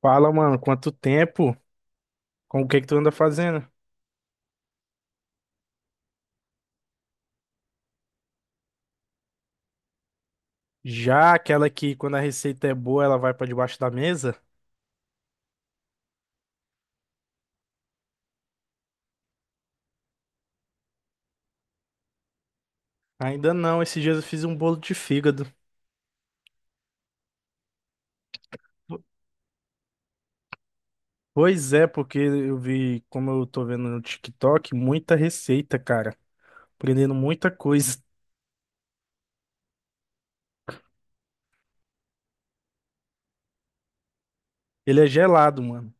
Fala, mano, quanto tempo? Com o que que tu anda fazendo? Já, aquela que quando a receita é boa, ela vai pra debaixo da mesa? Ainda não, esses dias eu fiz um bolo de fígado. Pois é, porque eu vi, como eu tô vendo no TikTok, muita receita, cara. Aprendendo muita coisa. Ele é gelado, mano.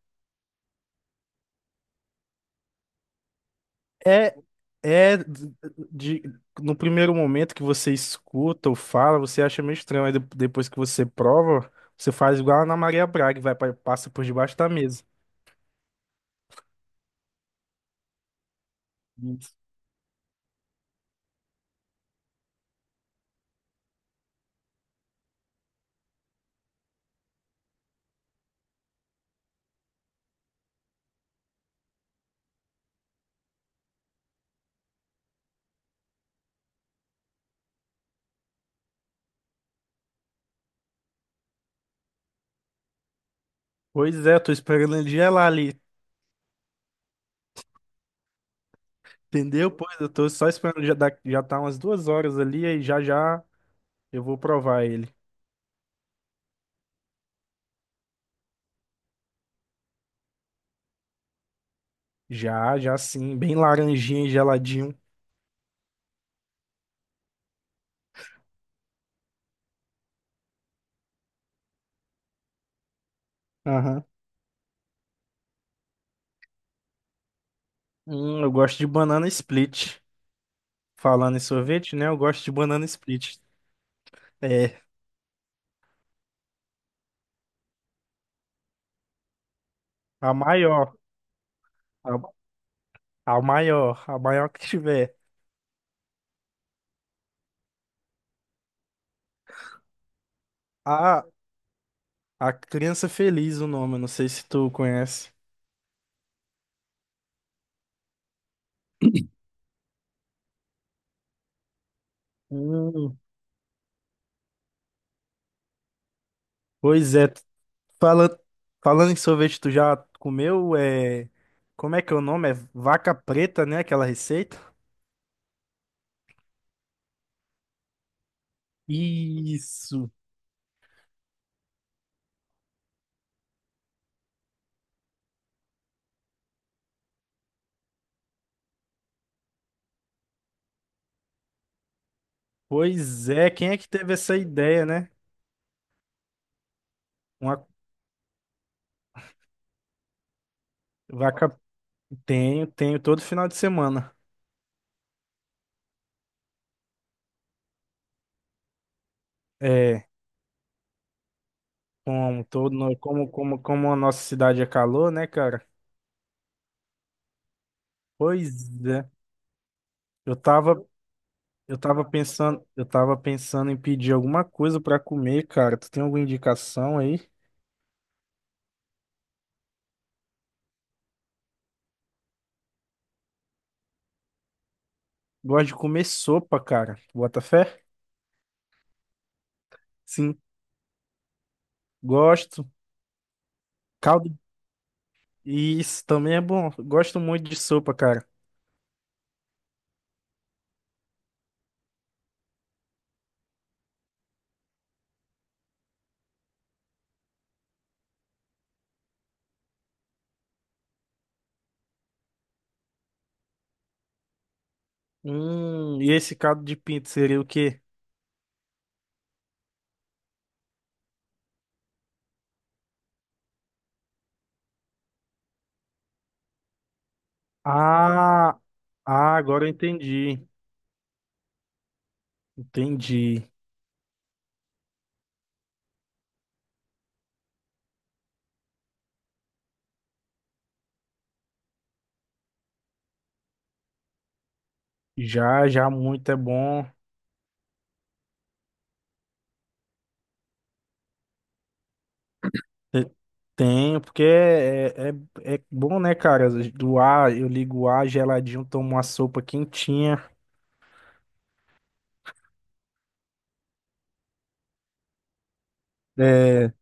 É, é d- de, no primeiro momento que você escuta ou fala, você acha meio estranho, aí depois que você prova, você faz igual a Ana Maria Braga, e passa por debaixo da mesa. Pois é, eu tô esperando ele gelar ali, entendeu? Uhum. Pois eu tô só esperando, já, já tá umas 2 horas ali, aí já já eu vou provar ele. Já, já sim, bem laranjinha e geladinho. Aham. Eu gosto de banana split. Falando em sorvete, né? Eu gosto de banana split. É, a maior, a, a maior que tiver. A, a Criança Feliz, o nome, eu não sei se tu conhece. Hum, pois é. Fala, Falando em sorvete, tu já comeu? É, como é que é o nome? É vaca preta, né? Aquela receita? Isso. Pois é, quem é que teve essa ideia, né? Uma vaca. Tenho, tenho todo final de semana. É, como todo, no- como, como, como a nossa cidade é calor, né, cara? Pois é. Eu tava, eu tava pensando em pedir alguma coisa pra comer, cara. Tu tem alguma indicação aí? Gosto de comer sopa, cara. Bota fé? Sim. Gosto. Caldo. Isso também é bom. Gosto muito de sopa, cara. E esse caldo de pinto seria o quê? Ah, ah, agora eu entendi. Entendi. Já, já, muito é bom. Te- Tem, porque é é bom, né, cara? Do ar, eu ligo o ar geladinho, tomo uma sopa quentinha, é,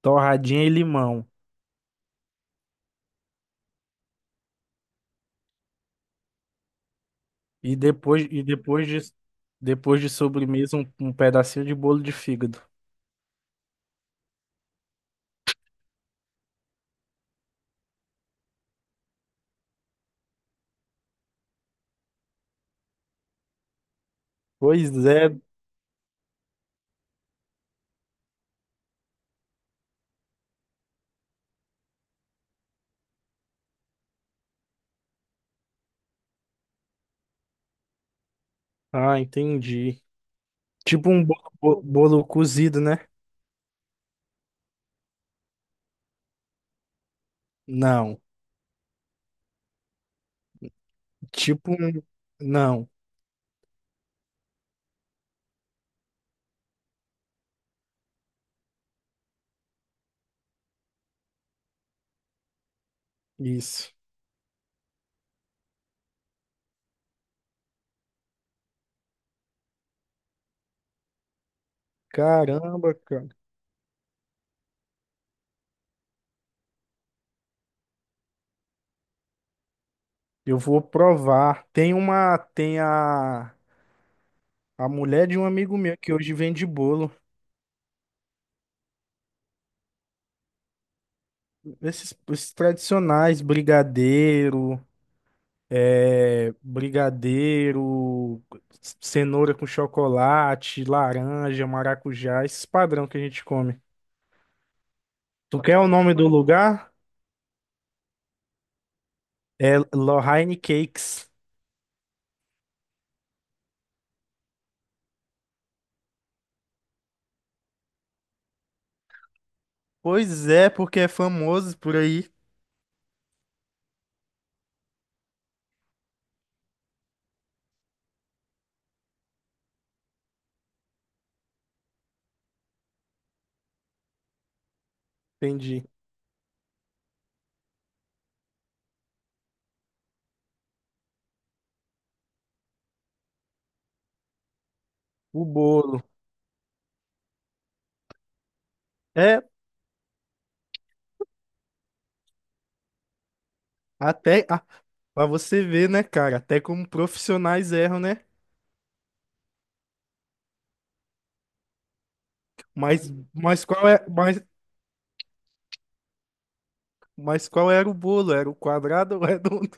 torradinha e limão. E depois, e depois de, depois de sobremesa, um pedacinho de bolo de fígado. Pois é. Ah, entendi. Tipo um bolo cozido, né? Não. Tipo um. Não. Isso. Caramba, cara. Eu vou provar. Tem uma. Tem a. A mulher de um amigo meu que hoje vende bolo. Esses tradicionais, brigadeiro, brigadeiro, cenoura com chocolate, laranja, maracujá, esses padrão que a gente come. Tu quer o nome do lugar? É Lohane Cakes. Pois é, porque é famoso por aí. Entendi. O bolo. É, até. Ah, pra você ver, né, cara? Até como profissionais erram, né? Mas, mas qual é. Mas, mas qual era o bolo? Era o quadrado ou redondo?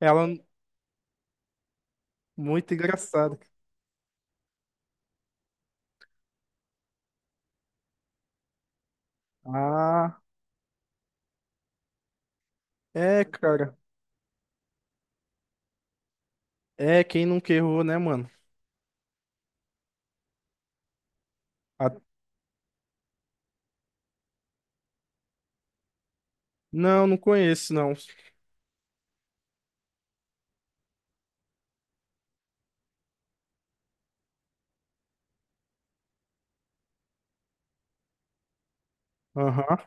Ela. Muito engraçada. Ah, é, cara. É, quem nunca errou, né, mano? A- Não, não conheço, não. Aham.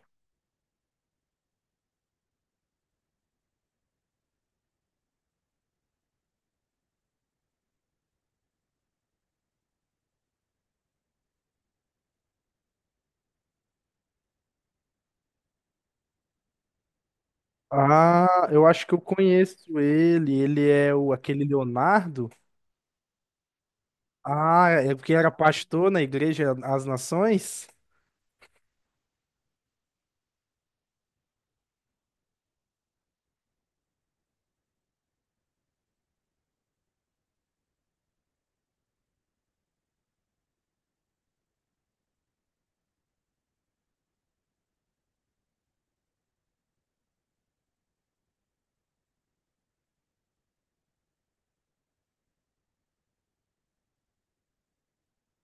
Ah, eu acho que eu conheço ele. Ele é o aquele Leonardo. Ah, é porque era pastor na Igreja às Nações?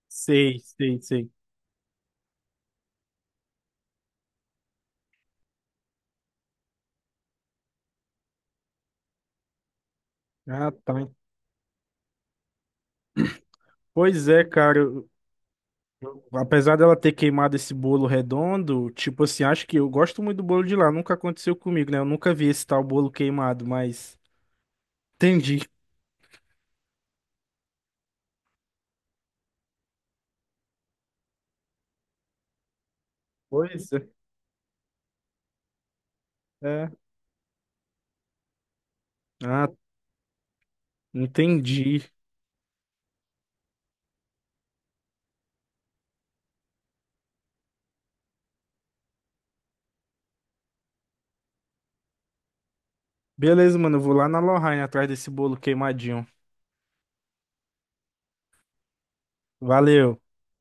Sei, sei, sei. Ah, tá. Pois é, cara. Apesar dela ter queimado esse bolo redondo, tipo assim, acho que eu gosto muito do bolo de lá. Nunca aconteceu comigo, né? Eu nunca vi esse tal bolo queimado, mas. Entendi. Pois é. É. Ah, entendi. Beleza, mano. Eu vou lá na Lorraine atrás desse bolo queimadinho. Valeu.